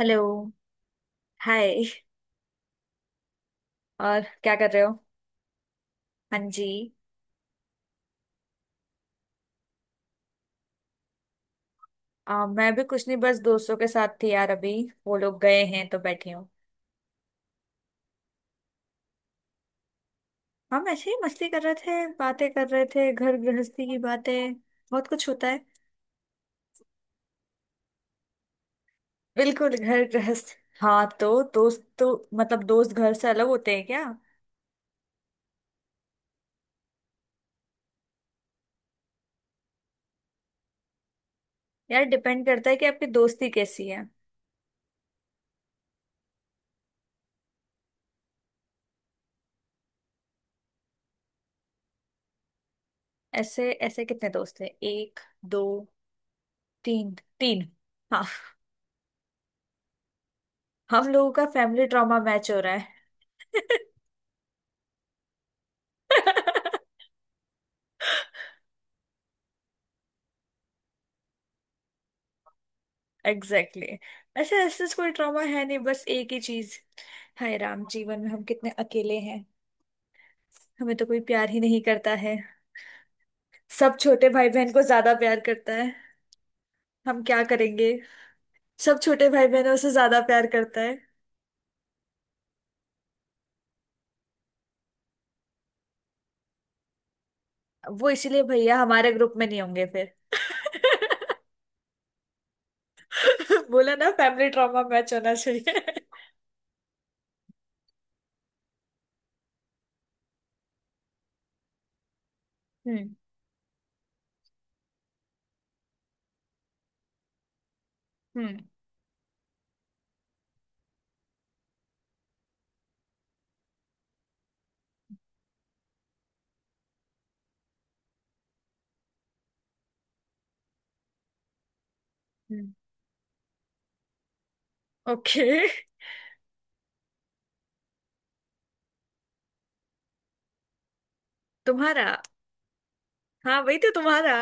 Hello. Hi. और क्या कर रहे हो? हाँ जी। मैं भी कुछ नहीं, बस दोस्तों के साथ थी यार अभी। वो लोग गए हैं तो बैठी हूँ। हम ऐसे ही मस्ती कर रहे थे, बातें कर रहे थे, घर गृहस्थी की बातें। बहुत कुछ होता है। बिल्कुल घर गृहस्थ। हाँ तो दोस्त तो, मतलब दोस्त घर से अलग होते हैं क्या? यार डिपेंड करता है कि आपकी दोस्ती कैसी है। ऐसे ऐसे कितने दोस्त हैं, एक, दो, तीन। तीन। हाँ। हम लोगों का फैमिली ड्रामा मैच हो रहा है। Exactly exactly। अच्छा ऐसा कोई ट्रॉमा है नहीं, बस एक ही चीज। हाय राम जीवन में हम कितने अकेले हैं। हमें तो कोई प्यार ही नहीं करता है। सब छोटे भाई बहन को ज्यादा प्यार करता है। हम क्या करेंगे? सब छोटे भाई बहन उसे ज्यादा प्यार करता है। वो इसीलिए भैया हमारे ग्रुप में नहीं होंगे फिर। बोला ना, फैमिली ट्रॉमा मैच होना चाहिए। हम्म हम्म। ओके। तुम्हारा। हाँ वही तो तुम्हारा।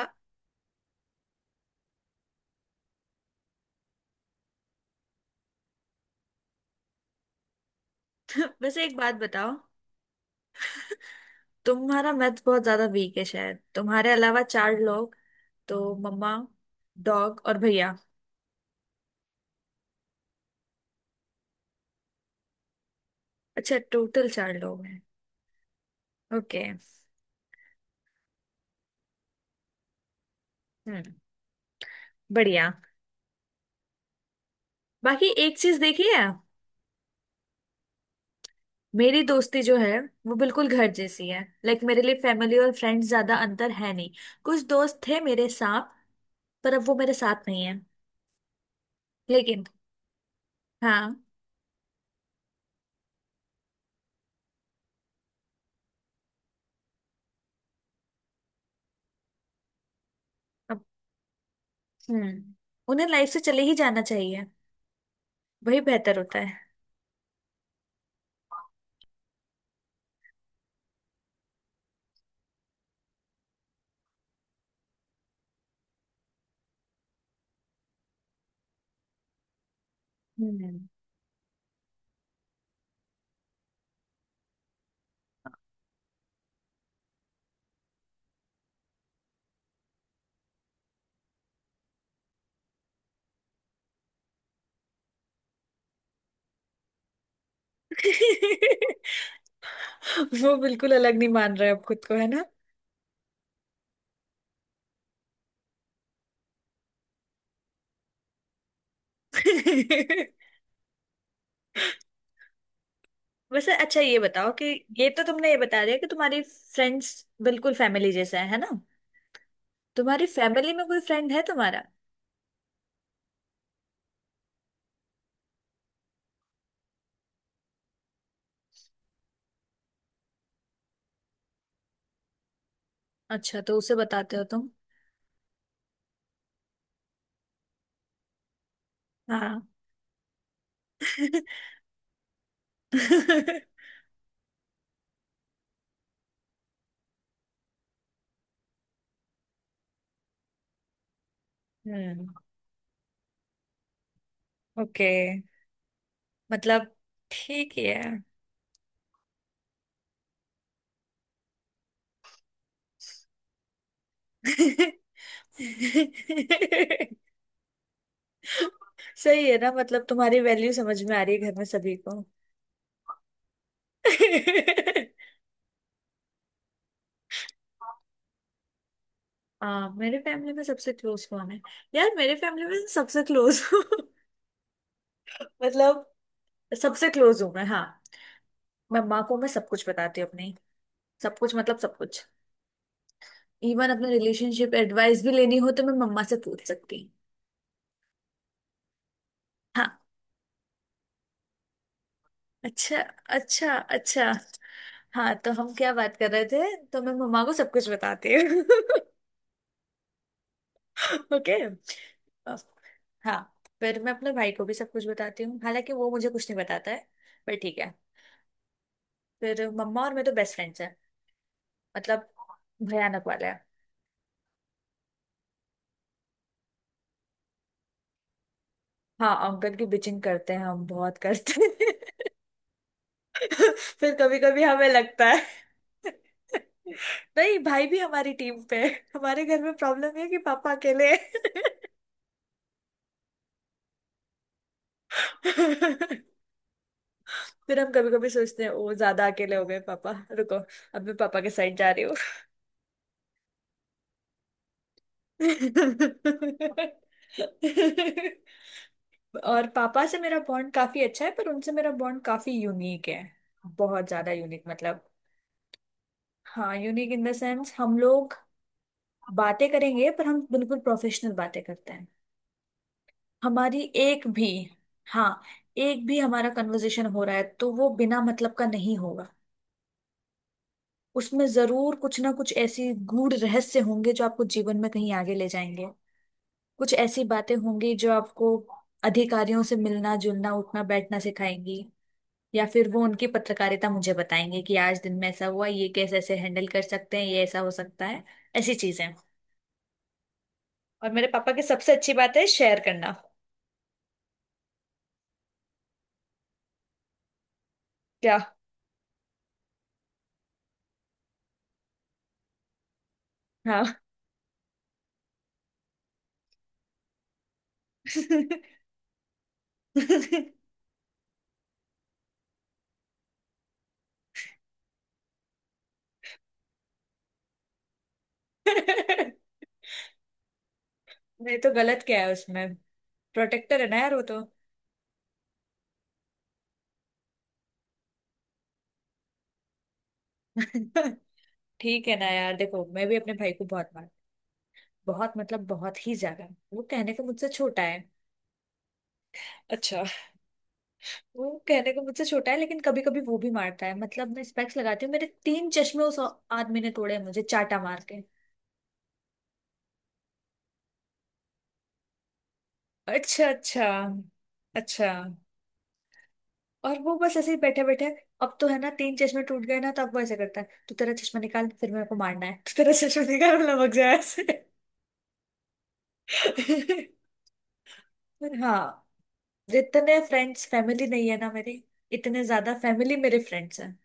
वैसे एक बात बताओ, तुम्हारा मैथ बहुत ज्यादा वीक है, शायद तुम्हारे अलावा चार लोग तो मम्मा, डॉग और भैया। अच्छा टोटल चार लोग हैं। ओके। हम्म। बढ़िया। बाकी एक चीज देखी है, मेरी दोस्ती जो है, वो बिल्कुल घर जैसी है, लाइक मेरे लिए फैमिली और फ्रेंड्स ज्यादा अंतर है नहीं। कुछ दोस्त थे मेरे साथ, पर अब वो मेरे साथ नहीं है लेकिन। हाँ। अब। हम्म। उन्हें लाइफ से चले ही जाना चाहिए। वही बेहतर होता है। हम्म। वो बिल्कुल अलग नहीं मान रहे अब खुद को, है ना? वैसे अच्छा ये बताओ कि, ये तो तुमने ये बता दिया कि तुम्हारी फ्रेंड्स बिल्कुल फैमिली जैसे हैं, है ना? तुम्हारी फैमिली में कोई फ्रेंड है तुम्हारा? अच्छा तो उसे बताते हो तुम। हाँ। हम्म। ओके। मतलब ठीक ही है। सही है ना, मतलब तुम्हारी वैल्यू समझ में आ रही है घर में सभी को। हाँ मेरे फैमिली में सबसे क्लोज कौन है? यार मेरे फैमिली में सबसे क्लोज हूँ। मतलब सबसे क्लोज हूँ मैं, हाँ। मैं माँ को मैं सब कुछ बताती हूँ अपनी, सब कुछ मतलब सब कुछ। इवन अपने रिलेशनशिप एडवाइस भी लेनी हो तो मैं मम्मा से पूछ सकती हूँ। हाँ। अच्छा अच्छा। अच्छा। हाँ तो हम क्या बात कर रहे थे, तो मैं मम्मा को सब कुछ बताती हूँ। ओके। हाँ। फिर मैं अपने भाई को भी सब कुछ बताती हूँ, हालांकि वो मुझे कुछ नहीं बताता है, पर ठीक है। फिर मम्मा और मैं तो बेस्ट फ्रेंड्स हैं, मतलब भयानक वाला है। हाँ अंकल की बिचिंग करते हैं, हम बहुत करते हैं। फिर कभी कभी हमें लगता है। नहीं भाई भी हमारी टीम पे है। हमारे घर में प्रॉब्लम है कि पापा अकेले हैं। फिर हम कभी कभी सोचते हैं ओ ज्यादा अकेले हो गए पापा। रुको, अब मैं पापा के साइड जा रही हूँ। और पापा से मेरा बॉन्ड काफी अच्छा है, पर उनसे मेरा बॉन्ड काफी यूनिक है। बहुत ज्यादा यूनिक, मतलब। हाँ यूनिक इन द सेंस, हम लोग बातें करेंगे पर हम बिल्कुल प्रोफेशनल बातें करते हैं। हमारी एक भी, हाँ, एक भी हमारा कन्वर्सेशन हो रहा है तो वो बिना मतलब का नहीं होगा। उसमें जरूर कुछ ना कुछ ऐसी गूढ़ रहस्य होंगे जो आपको जीवन में कहीं आगे ले जाएंगे। कुछ ऐसी बातें होंगी जो आपको अधिकारियों से मिलना जुलना उठना बैठना सिखाएंगी। या फिर वो उनकी पत्रकारिता मुझे बताएंगे कि आज दिन में ऐसा हुआ, ये कैसे ऐसे हैंडल कर सकते हैं, ये ऐसा हो सकता है, ऐसी चीजें। और मेरे पापा की सबसे अच्छी बात है शेयर करना। क्या? हाँ। नहीं तो गलत क्या है उसमें? प्रोटेक्टर है ना यार वो तो। ठीक है ना यार, देखो मैं भी अपने भाई को बहुत मार, बहुत मतलब बहुत ही ज्यादा। वो कहने को मुझसे छोटा है। अच्छा। वो कहने को मुझसे छोटा है लेकिन कभी कभी वो भी मारता है, मतलब मैं स्पेक्स लगाती हूँ, मेरे तीन चश्मे उस आदमी ने तोड़े हैं मुझे चाटा मार के। अच्छा अच्छा। अच्छा। और वो बस ऐसे ही बैठे बैठे। अब तो है ना तीन चश्मे टूट गए ना, तो अब वो ऐसे करता है, तू तेरा चश्मा निकाल फिर मेरे को मारना है। तू तेरा चश्मा निकाल, मैं लमक जाए ऐसे। हाँ। जितने फ्रेंड्स फैमिली नहीं है ना मेरी, इतने ज्यादा फैमिली मेरे फ्रेंड्स हैं।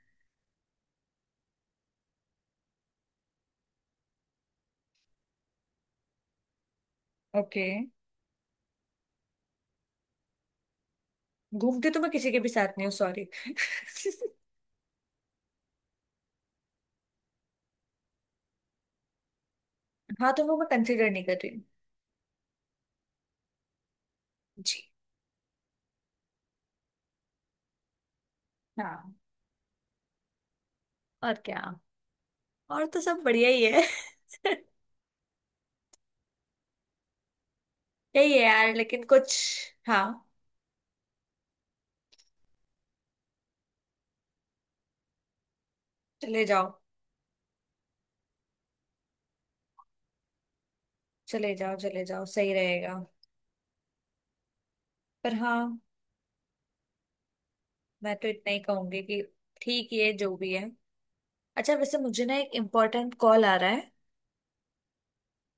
ओके। घूमती तो मैं किसी के भी साथ नहीं हूँ, सॉरी। हाँ तो वो मैं वो कंसिडर नहीं कर रही हूँ। जी। हाँ और क्या? और तो सब बढ़िया ही है। यही है यार, लेकिन कुछ। हाँ। चले जाओ। चले जाओ चले जाओ, सही रहेगा। पर हाँ, मैं तो इतना ही कहूंगी कि ठीक ही है जो भी है। अच्छा वैसे मुझे ना एक इम्पोर्टेंट कॉल आ रहा है,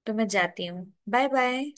तो मैं जाती हूँ। Bye bye.